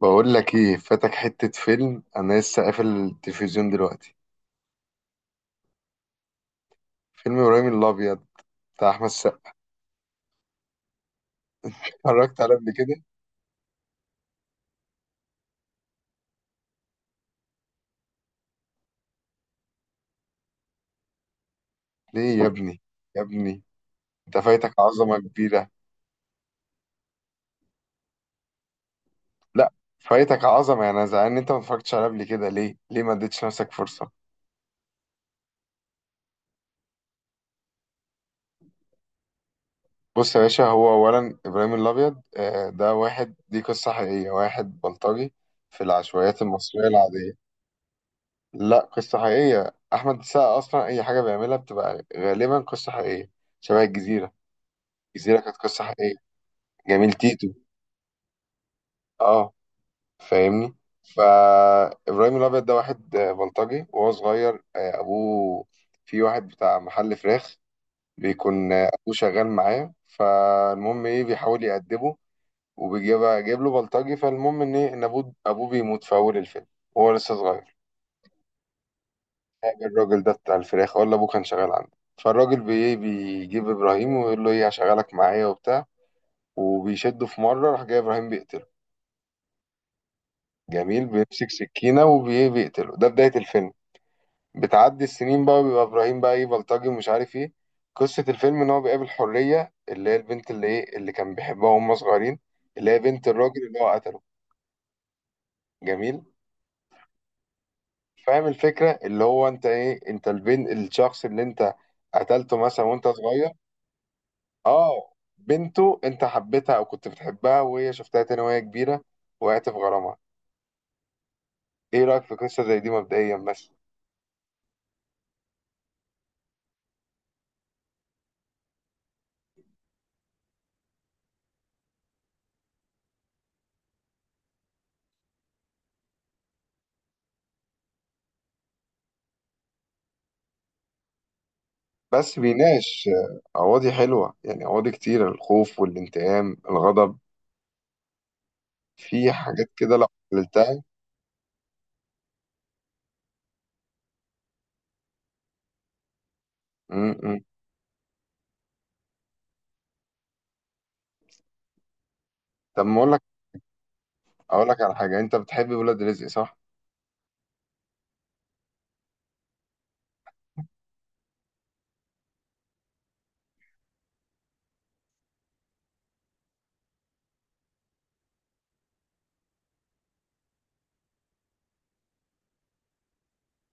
بقول لك ايه، فاتك حتة فيلم. انا لسه قافل التلفزيون دلوقتي. فيلم ابراهيم الابيض بتاع احمد السقا. اتفرجت عليه قبل كده؟ ليه يا ابني؟ يا ابني انت فايتك عظمة كبيرة. لا، فايتك عظمة يعني. انا زعلان ان انت ما اتفرجتش عليه قبل كده. ليه؟ ما اديتش نفسك فرصة؟ بص يا باشا، هو اولا ابراهيم الابيض ده واحد، دي قصة حقيقية، واحد بلطجي في العشوائيات المصرية العادية. لا، قصة حقيقية. احمد السقا اصلا اي حاجة بيعملها بتبقى غالبا قصة حقيقية. شبه الجزيرة. الجزيرة كانت قصة حقيقية. جميل تيتو. اه، فاهمني؟ فإبراهيم الأبيض ده واحد بلطجي، وهو صغير أبوه في واحد بتاع محل فراخ، بيكون أبوه شغال معاه. فالمهم إيه، بيحاول يأدبه وبيجيب جايب له بلطجي. فالمهم إن إيه، إن أبوه بيموت في أول الفيلم وهو لسه صغير. الراجل ده بتاع الفراخ، ولا أبوه كان شغال عنده. فالراجل بي إيه، بيجيب إبراهيم ويقول له إيه، هشغلك معايا وبتاع. وبيشده في مرة، راح جاي إبراهيم بيقتله. جميل، بيمسك سكينة وبيقتله، ده بداية الفيلم. بتعدي السنين بقى وبيبقى إبراهيم بقى إيه، بلطجي ومش عارف إيه. قصة الفيلم إن هو بيقابل حرية، اللي هي البنت اللي إيه، اللي كان بيحبها وهم صغيرين، اللي هي بنت الراجل اللي هو قتله. جميل. فاهم الفكرة؟ اللي هو أنت إيه، أنت البنت، الشخص اللي أنت قتلته مثلا وأنت صغير، آه، بنته أنت حبيتها أو كنت بتحبها، وهي شفتها تاني وهي كبيرة، وقعت في غرامها. إيه رأيك في قصة زي دي مبدئيا بس؟ بس بيناقش أواضي حلوة يعني، أواضي كتير: الخوف والانتقام، الغضب، في حاجات كده لو قلتها. م- م. طب ما أقول لك، أقول لك على حاجة. أنت بتحب ولاد رزق؟ صح؟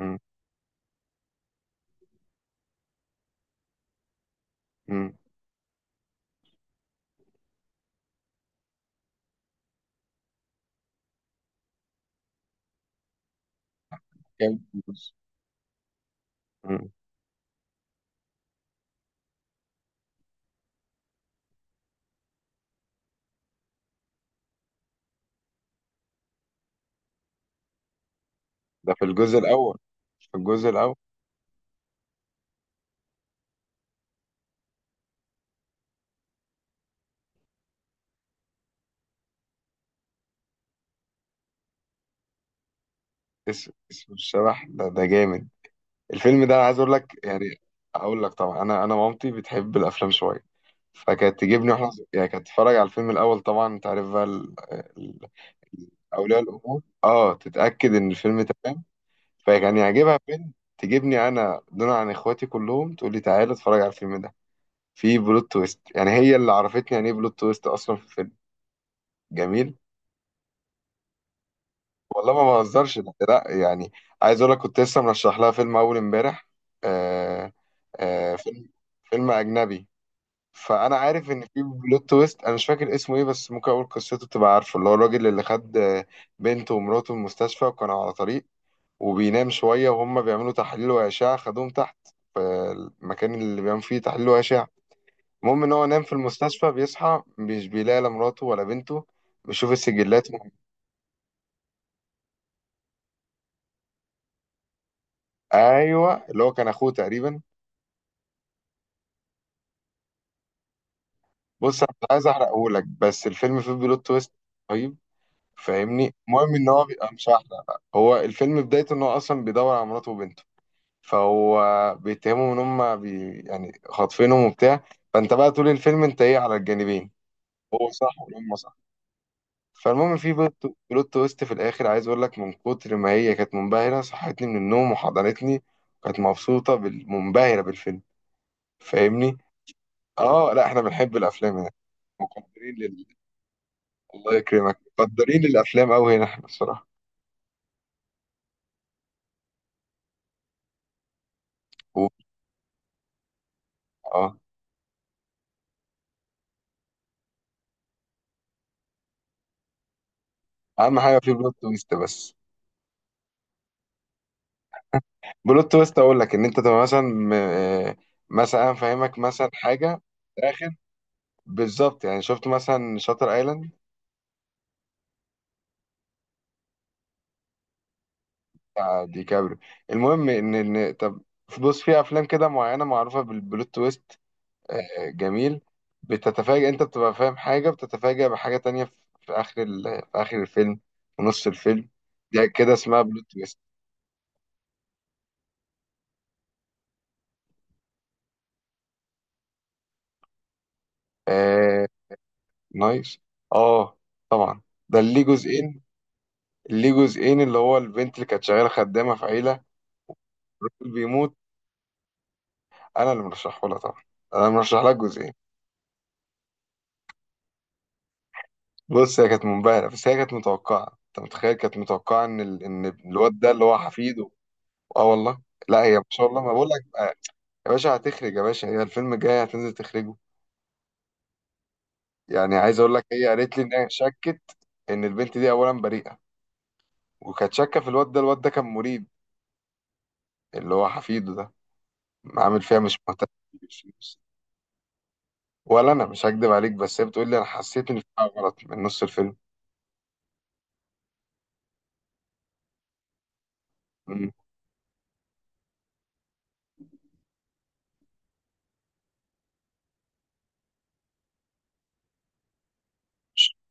م- م. كام جزء؟ م. ده في الجزء الأول. في الجزء الأول. اسم، اسم الشبح ده، ده جامد. الفيلم ده عايز اقول لك يعني، اقول لك، طبعا انا مامتي بتحب الافلام شويه، فكانت تجيبني واحنا يعني كانت تتفرج على الفيلم الاول، طبعا انت عارف بقى ال- اولياء الامور، اه، تتاكد ان الفيلم تمام، فكان يعجبها فيلم، تجيبني انا دون عن اخواتي كلهم، تقول لي تعالى اتفرج على الفيلم ده. في بلوت تويست، يعني هي اللي عرفتني يعني ايه بلوت تويست اصلا في الفيلم. جميل. والله ما بهزرش. لا لا، يعني عايز اقول لك، كنت لسه مرشح لها فيلم اول امبارح. آه فيلم، فيلم اجنبي. فانا عارف ان في بلوت تويست. انا مش فاكر اسمه ايه، بس ممكن اقول قصته تبقى عارفه. اللي هو الراجل اللي خد بنته ومراته من المستشفى، وكانوا على طريق، وبينام شويه وهم بيعملوا تحليل واشعه، خدوهم تحت في المكان اللي بيعملوا فيه تحليل واشعه. المهم ان هو نام في المستشفى، بيصحى مش بيلاقي لا مراته ولا بنته. بيشوف السجلات. ايوه، اللي هو كان اخوه تقريبا. بص انا مش عايز احرقه لك، بس الفيلم فيه بلوت تويست رهيب، فاهمني؟ المهم ان هو بيبقى، مش هحرق بقى. هو الفيلم بدايته ان هو اصلا بيدور على مراته وبنته. فهو بيتهمهم ان هم بي يعني خاطفينهم وبتاع. فانت بقى طول الفيلم انت ايه، على الجانبين، هو صح والام صح. فالمهم في بلوت تويست في الاخر، عايز اقول لك من كتر ما هي كانت منبهره، صحتني من النوم وحضنتني، وكانت مبسوطه منبهره بالفيلم، فاهمني؟ اه، لا احنا بنحب الافلام يعني، مقدرين. الله يكرمك، مقدرين الافلام قوي هنا احنا الصراحه. و- اه اهم حاجه في بلوت تويست بس. بلوت تويست اقول لك، ان انت تبقى مثلا مثلا انا فاهمك مثلا حاجه في الاخر. بالظبط. يعني شفت مثلا شاتر ايلاند بتاع ديكابريو. المهم ان طب بص، في افلام كده معينه معروفه بالبلوت تويست. جميل، بتتفاجئ. انت بتبقى فاهم حاجه، بتتفاجئ بحاجه تانية في في اخر في اخر الفيلم، في نص الفيلم. ده كده اسمها بلوت تويست. نايس. اه، طبعا. ده اللي ليه جزئين. اللي ليه جزئين اللي هو البنت اللي كانت شغاله خدامه في عيله. الراجل بيموت. انا اللي مرشحه لها طبعا، انا مرشح لها جزئين. بص هي كانت منبهره، بس هي كانت متوقعه، انت متخيل، كانت متوقعه ان الواد ده اللي هو حفيده. اه والله. لا هي ما شاء الله، ما بقول لك بقى. يا باشا هتخرج، يا باشا هي الفيلم الجاي هتنزل تخرجه. يعني عايز اقول لك، هي قالت لي ان هي شكت ان البنت دي اولا بريئه، وكانت شاكه في الواد ده. الواد ده كان مريب، اللي هو حفيده ده، عامل فيها مش مهتم بالفلوس. ولا انا مش هكدب عليك، بس هي بتقول لي انا حسيت ان في حاجه غلط من نص الفيلم. مم.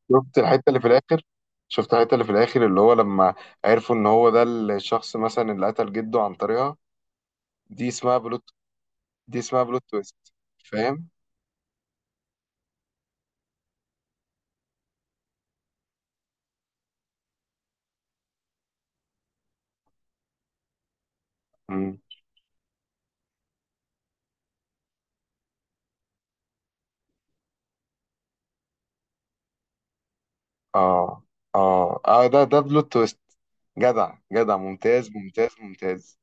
شفت الحته اللي في الاخر؟ شفت الحته اللي في الاخر، اللي هو لما عرفوا ان هو ده الشخص مثلا اللي قتل جده عن طريقها؟ دي اسمها بلوت، دي اسمها بلوت تويست. فاهم؟ مم. اه اه ده، ده بلوت تويست. جدع، جدع، ممتاز، ممتاز، ممتاز.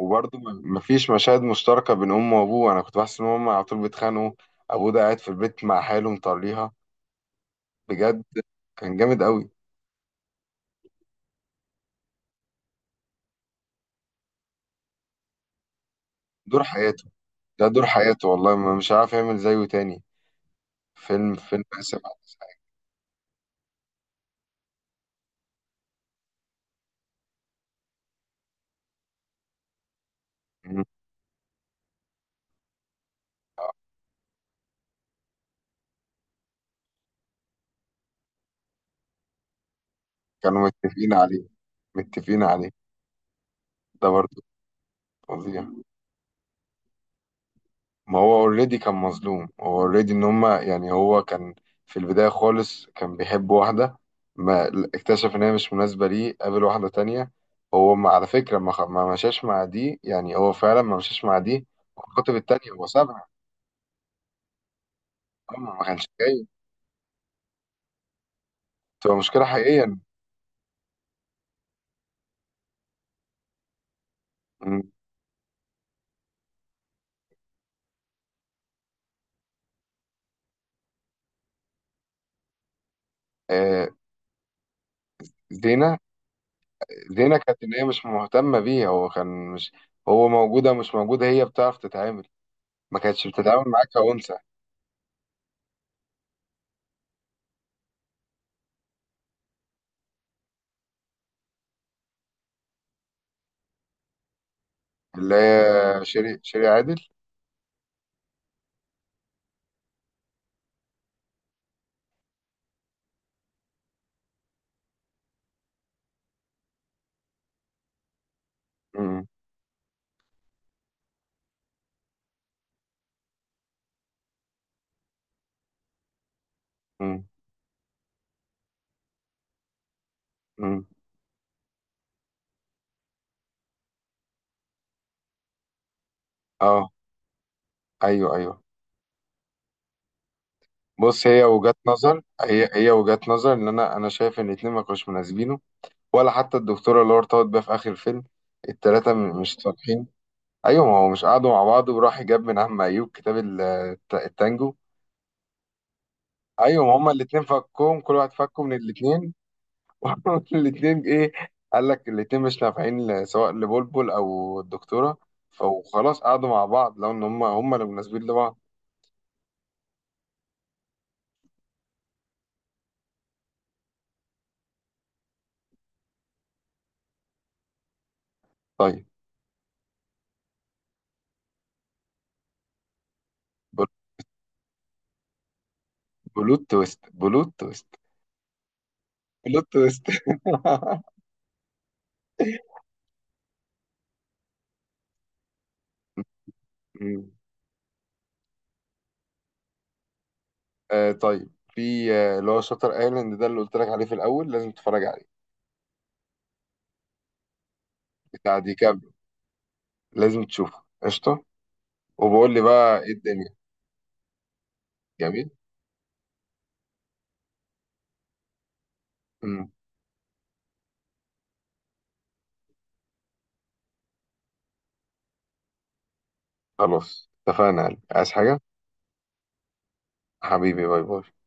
وبرضه مفيش مشاهد مشتركه بين امه وابوه. انا كنت بحس ان هما على طول بيتخانقوا. ابوه ده قاعد في البيت مع حاله مطريها، بجد. كان جامد قوي. دور حياته، ده دور حياته، والله ما، مش عارف يعمل زيه تاني. فيلم، فيلم، اسف على الازعاج. مم. كانوا متفقين عليه. متفقين عليه. ده برضه فظيع. ما هو اوريدي كان مظلوم. هو اوريدي ان هما يعني، هو كان في البداية خالص كان بيحب واحدة، ما اكتشف ان هي مش مناسبة ليه، قابل واحدة تانية. هو، ما على فكرة، ما مشاش مع دي، يعني هو فعلا ما مشاش مع دي، وخطب التانية، هو سابها. هو ما كانش جاي تبقى مشكلة حقيقية. آه، زينة. زينة كانت إن هي مش مهتمة بيه. هو كان مش، هو موجودة مش موجودة، هي بتعرف تتعامل، ما كانتش بتتعامل معاك كأنثى. اللي هي شيري عادل. مم. مم. مم. اه، ايوه ايوه. بص هي وجهات نظر، هي وجهات نظر. ان انا شايف ان الاتنين ما كانوش مناسبينه، ولا حتى الدكتورة اللي هو ارتبط بيها في اخر الفيلم. التلاتة مش صالحين. ايوه، ما هو مش قعدوا مع بعض؟ وراح جاب من عم ايوب كتاب التانجو. ايوه، ما هما الاتنين فكهم، كل واحد فكه من الاتنين. الاتنين ايه، قال لك الاتنين مش نافعين سواء لبلبل او الدكتورة، فخلاص قعدوا مع بعض، لو ان هم اللي مناسبين لبعض. طيب. بل- بلوت تويست، بلوت تويست، بلوت تويست. مم. آه طيب، في اللي هو شاتر ايلاند ده اللي قلت لك عليه في الاول، لازم تتفرج عليه، بتاع ديكابريو. لازم تشوفه قشطه، وبقول لي بقى ايه الدنيا. جميل. مم. خلاص اتفقنا يا قلبي. عايز حاجه؟ حبيبي باي باي.